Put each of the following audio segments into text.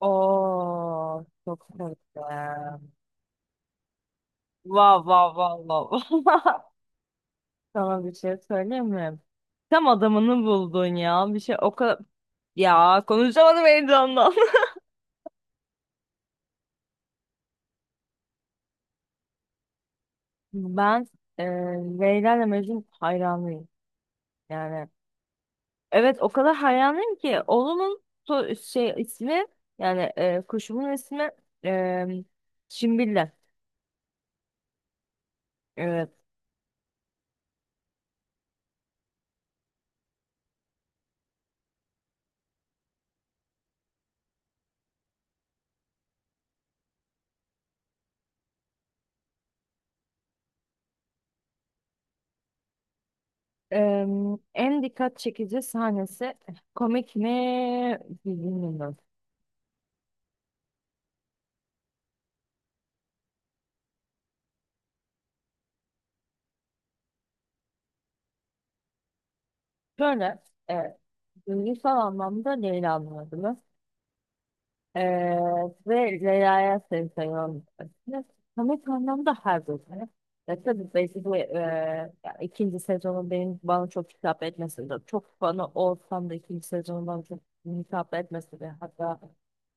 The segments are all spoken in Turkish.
Oo, çok sevdim. Vav vav vav vav. Sana bir şey söyleyeyim mi? Tam adamını buldun ya. Bir şey o kadar... Ya konuşamadım heyecandan. Ben e, Leyla ile Mecnun hayranıyım. Yani evet o kadar hayranıyım ki oğlumun şey ismi yani kuşumun ismi e, Şimbille. Evet. Eee, en dikkat çekici sahnesi komik mi bilmiyorum. Şöyle e, duygusal anlamda Leyla'nın adını eee, ve Leyla'ya seni seviyorum demesini. Komik anlamda her bölümü. Tabii belki bu ya ikinci sezonun benim bana çok hitap etmesi de çok fanı olsam da ikinci sezonun bana çok hitap etmesi de, hatta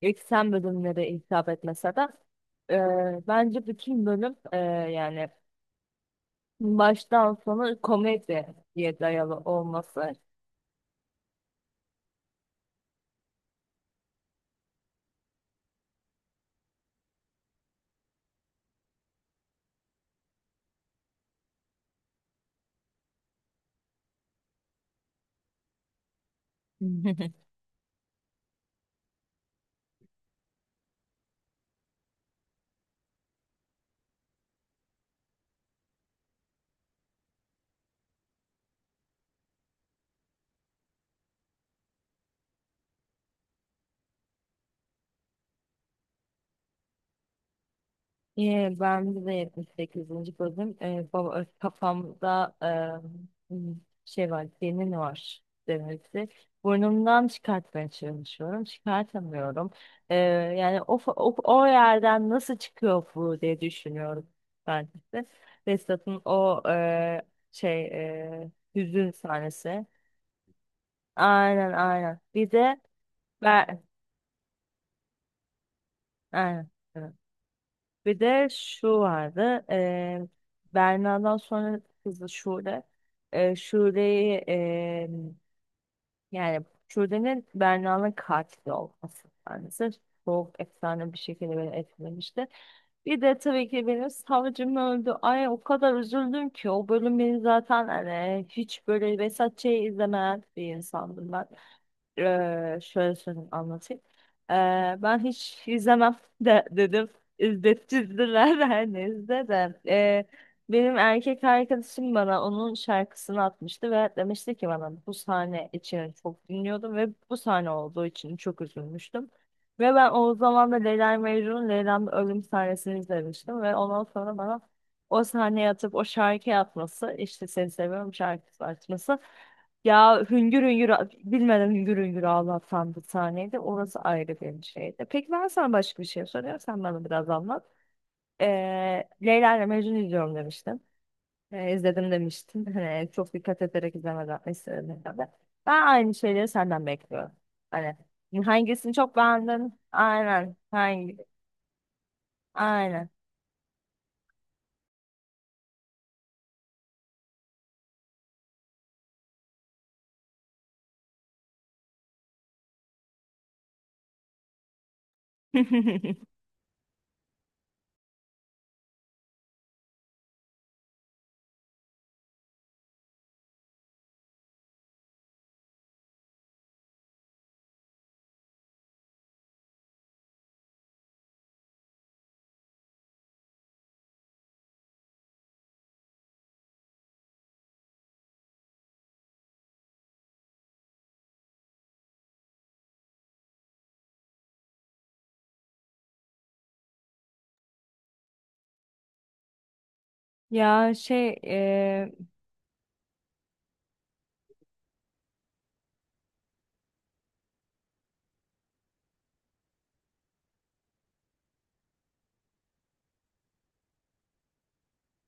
ilk sen bölümleri hitap etmese de, bence bütün bölüm yani baştan sona komedi diye dayalı olması. Ben de 78. bölüm, baba, kafamda e, şey var senin var demesi. Burnumdan çıkartmaya çalışıyorum. Çıkartamıyorum. Ee, yani o yerden nasıl çıkıyor bu diye düşünüyorum ben de. Vestat'ın o şey hüzün sahnesi. Aynen, aynen. Bir de ben, aynen. Evet. Bir de şu vardı. Berna'dan sonra kızı Şule. Şule'yi, yani Şule'nin Berna'nın katili olması. Yani sırf soğuk efsane bir şekilde beni etkilemişti. Bir de tabii ki benim savcım öldü. Ay o kadar üzüldüm ki, o bölüm beni zaten hani hiç böyle Vesat Ç'yi izlemeyen bir insandım ben. Şöyle söyleyeyim, anlatayım. Ee, ben hiç izlemem de dedim. İzlettirdiler her neyse de. Benim erkek arkadaşım bana onun şarkısını atmıştı ve demişti ki, bana bu sahne için çok dinliyordum ve bu sahne olduğu için çok üzülmüştüm. Ve ben o zaman da Leyla Mecnun'un, Leyla'nın ölüm sahnesini izlemiştim ve ondan sonra bana o sahneye atıp o şarkıyı atması, işte seni seviyorum şarkısı atması ya, hüngür hüngür, bilmeden hüngür hüngür ağlatan bir sahneydi. Orası ayrı bir şeydi. Peki, ben sana başka bir şey soruyorum. Sen bana biraz anlat. Leyla ile Mecnun izliyorum demiştin. İzledim demiştin. Hani çok dikkat ederek izlemeden istedim. Ben aynı şeyleri senden bekliyorum. Hani hangisini çok beğendin? Aynen. Hangi? Aynen. Ya şey,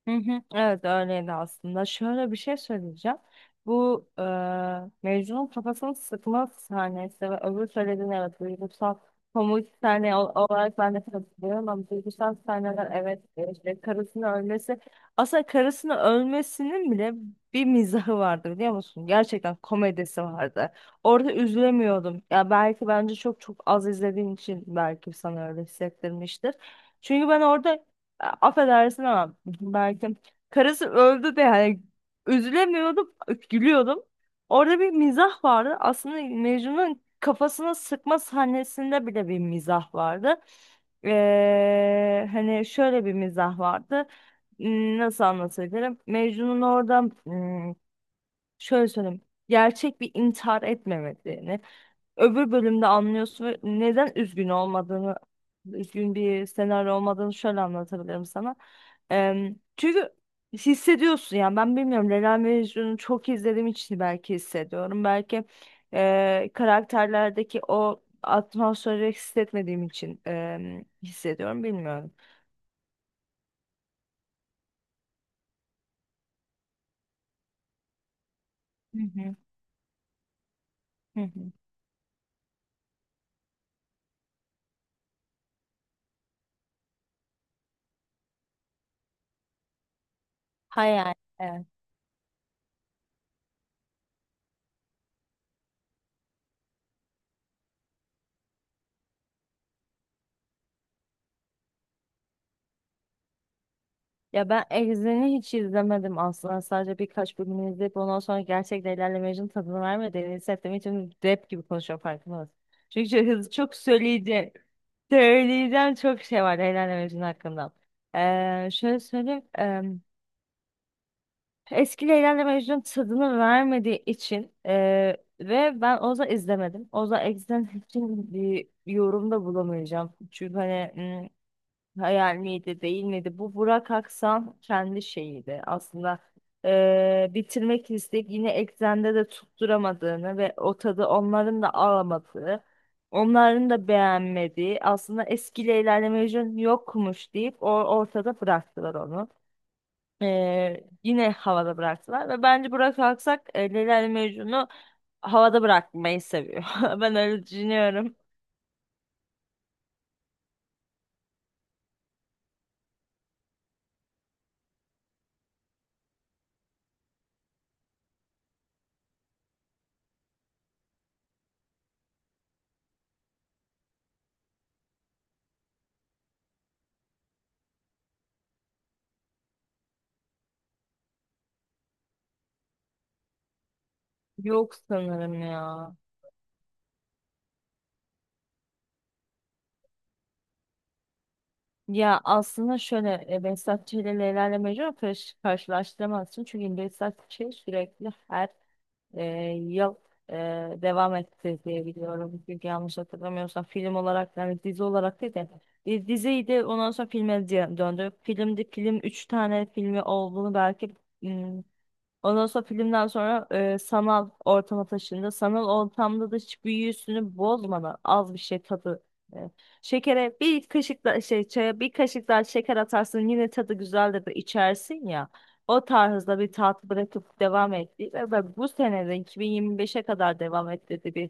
hı hı, evet öyleydi aslında. Şöyle bir şey söyleyeceğim. Bu Mecnun'un kafasını sıkma sahnesi ve öbür söylediğin, evet, duygusal komik sahne olarak ben de katılıyorum, ama duygusal sahneler, evet, işte karısının ölmesi, aslında karısının ölmesinin bile bir mizahı vardı biliyor musun? Gerçekten komedisi vardı. Orada üzülemiyordum. Ya belki, bence çok çok az izlediğin için belki sana öyle hissettirmiştir. Çünkü ben orada, affedersin ama, belki karısı öldü de, yani üzülemiyordum, gülüyordum. Orada bir mizah vardı. Aslında Mecnun'un kafasına sıkma sahnesinde bile bir mizah vardı. Hani şöyle bir mizah vardı. Nasıl anlatabilirim? Mecnun orada, şöyle söyleyeyim. Gerçek bir intihar etmemediğini öbür bölümde anlıyorsun, ve neden üzgün olmadığını, üzgün bir senaryo olmadığını şöyle anlatabilirim sana. Çünkü hissediyorsun, yani ben bilmiyorum, Leyla Mecnun'u çok izlediğim için belki hissediyorum. Belki karakterlerdeki o atmosferi hissetmediğim için hissediyorum, bilmiyorum. Hı hı, hı hı. Hayal. Evet. Ya ben Exxen'i hiç izlemedim aslında. Sadece birkaç bölümünü izleyip ondan sonra gerçekten Leyla ile tadını vermediğini hissettiğim için rap gibi konuşuyorum, farkında mısın? Çünkü çok hızlı çok söyleyeceğim. Söyleyeceğim çok şey var Leyla ile Mecnun hakkında. Şöyle söyleyeyim. Eski Leyla ile Mecnun tadını vermediği için ve ben Oza izlemedim. Oza Exxen için bir yorumda bulamayacağım. Çünkü hani, hayal miydi, değil miydi? Bu Burak Aksan kendi şeyiydi aslında. Bitirmek isteyip yine eksende de tutturamadığını ve o tadı onların da alamadığı, onların da beğenmediği, aslında eskiyle ilerleme vizyonu yokmuş deyip, o ortada bıraktılar onu. Yine havada bıraktılar ve bence Burak Aksak, Leyla ile Mecnun'u havada bırakmayı seviyor. Ben öyle düşünüyorum. Yok, sanırım ya. Ya aslında şöyle, Behzat Ç. ile Leyla ile Mecnun'u karşılaştıramazsın. Çünkü Behzat Ç. sürekli her e, yıl e, devam etti diye biliyorum. Çünkü yanlış hatırlamıyorsam, film olarak, yani dizi olarak değil de, diziydi, ondan sonra filme döndü. Filmdi, film 3 tane filmi olduğunu, belki ondan sonra, filmden sonra sanal ortama taşındı. Sanal ortamda da hiç büyüsünü bozmadan az bir şey tadı. e, Şekere bir kaşık da şey, çaya bir kaşık daha şeker atarsın, yine tadı güzeldir de içersin ya. O tarzda bir tat bırakıp devam etti ve ben bu seneden 2025'e kadar devam etti bir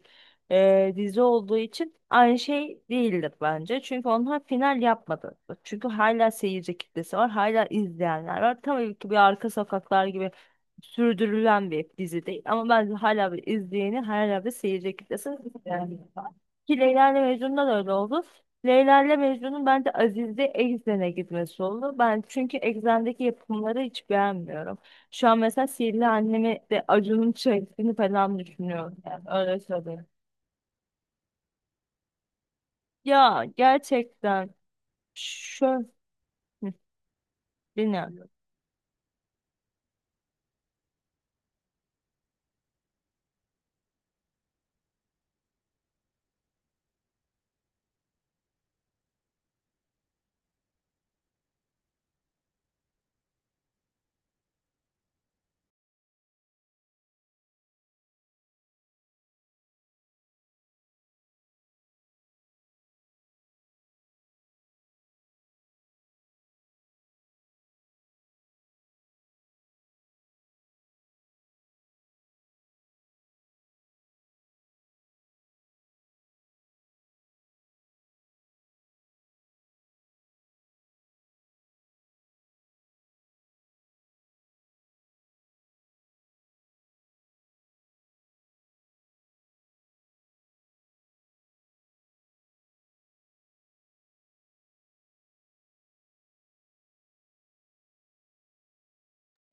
dizi olduğu için aynı şey değildir bence. Çünkü onlar final yapmadı. Çünkü hala seyirci kitlesi var, hala izleyenler var. Tabii ki bir Arka Sokaklar gibi sürdürülen bir dizi değil. Ama bence hala bir izleyeni, hala bir seyirci kitlesi. Yani. Ki Leyla ile Mecnun'da da öyle oldu. Leyla ile Mecnun'un bence Aziz'de Exxen'e gitmesi oldu. Ben çünkü Exxen'deki yapımları hiç beğenmiyorum. Şu an mesela Sihirli Annemi de Acun'un çektiğini falan düşünüyorum. Yani öyle söyleyeyim. Ya gerçekten şöyle, bilmiyorum.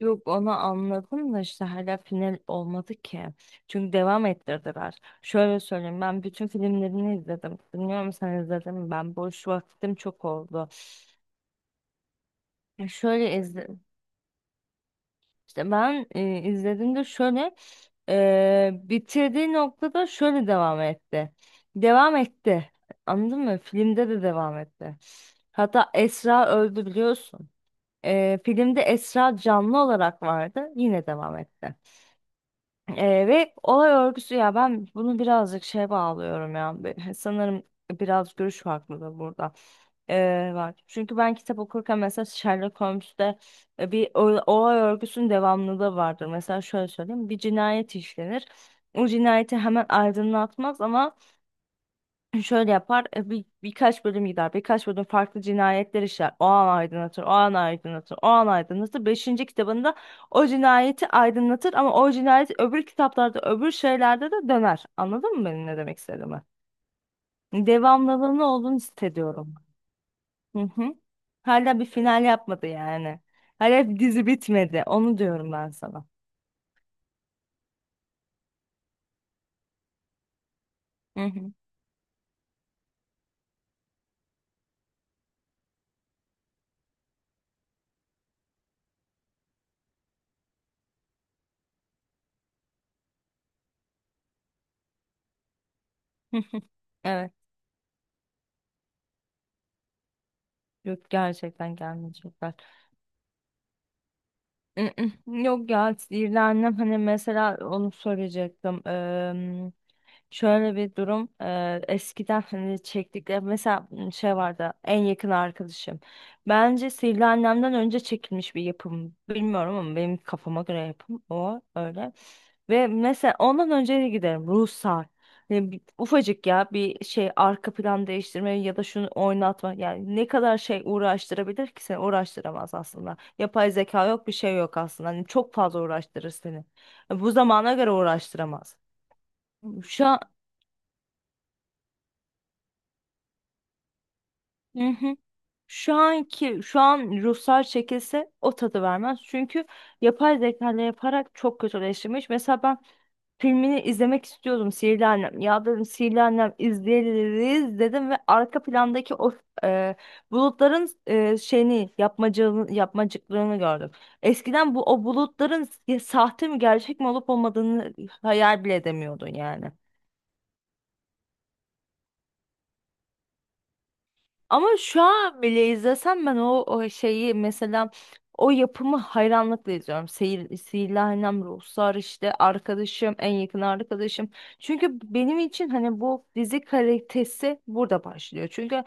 Yok, onu anladım, da işte hala final olmadı ki. Çünkü devam ettirdiler. Şöyle söyleyeyim, ben bütün filmlerini izledim. Bilmiyorum sen izledin mi? Ben boş vaktim çok oldu. Ya şöyle izledim. İşte ben izlediğimde şöyle bitirdiği noktada şöyle devam etti. Devam etti. Anladın mı? Filmde de devam etti. Hatta Esra öldü, biliyorsun. Filmde Esra canlı olarak vardı. Yine devam etti. Ve olay örgüsü, ya ben bunu birazcık şeye bağlıyorum ya. Sanırım biraz görüş farklı da burada. Var. Çünkü ben kitap okurken mesela Sherlock Holmes'te bir olay örgüsünün devamlılığı vardır. Mesela şöyle söyleyeyim. Bir cinayet işlenir. O cinayeti hemen aydınlatmaz ama şöyle yapar, birkaç bölüm gider, birkaç bölüm farklı cinayetler işler, o an aydınlatır, o an aydınlatır, o an aydınlatır, beşinci kitabında o cinayeti aydınlatır, ama o cinayet öbür kitaplarda, öbür şeylerde de döner. Anladın mı benim ne demek istediğimi? Devamlılığını olduğunu hissediyorum. Hı hı. Hala bir final yapmadı yani, hala bir dizi bitmedi, onu diyorum ben sana. Hı hı. Evet, yok, gerçekten gelmeyecek. Mm, mm. Yok ya, sinirlendim hani, mesela onu söyleyecektim. Şöyle bir durum, eskiden hani çektikleri, mesela şey vardı, En Yakın Arkadaşım. Bence Sihirli Annem'den önce çekilmiş bir yapım. Bilmiyorum ama benim kafama göre yapım o öyle. Ve mesela ondan önce de giderim Ruhsar. Yani, ufacık ya bir şey, arka plan değiştirme ya da şunu oynatma. Yani ne kadar şey uğraştırabilir ki, seni uğraştıramaz aslında. Yapay zeka yok, bir şey yok aslında. Hani çok fazla uğraştırır seni. Bu zamana göre uğraştıramaz. Şu an. Hı hı. Şu an Ruhsar çekilse o tadı vermez. Çünkü yapay zeka ile yaparak çok kötüleştirmiş. Mesela ben filmini izlemek istiyordum, Sihirli Annem. Ya dedim Sihirli Annem izleriz dedim, ve arka plandaki o e, bulutların şeyini, yapmacığını, yapmacıklığını gördüm. Eskiden bu, o bulutların ya sahte mi gerçek mi olup olmadığını hayal bile edemiyordun yani. Ama şu an bile izlesem ben o şeyi, mesela o yapımı hayranlıkla izliyorum. Seyir, Sihirli Annem, Ruhsar, işte Arkadaşım, En Yakın Arkadaşım. Çünkü benim için hani bu dizi kalitesi burada başlıyor. Çünkü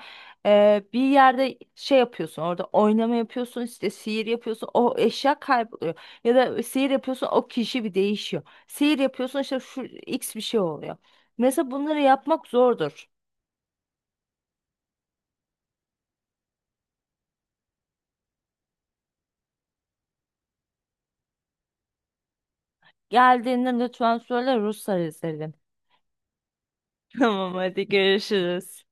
bir yerde şey yapıyorsun, orada oynama yapıyorsun, işte sihir yapıyorsun, o eşya kayboluyor. Ya da sihir yapıyorsun, o kişi bir değişiyor. Sihir yapıyorsun, işte şu X bir şey oluyor. Mesela bunları yapmak zordur. Geldiğinde lütfen söyle, Ruslar izledim. Tamam, hadi görüşürüz.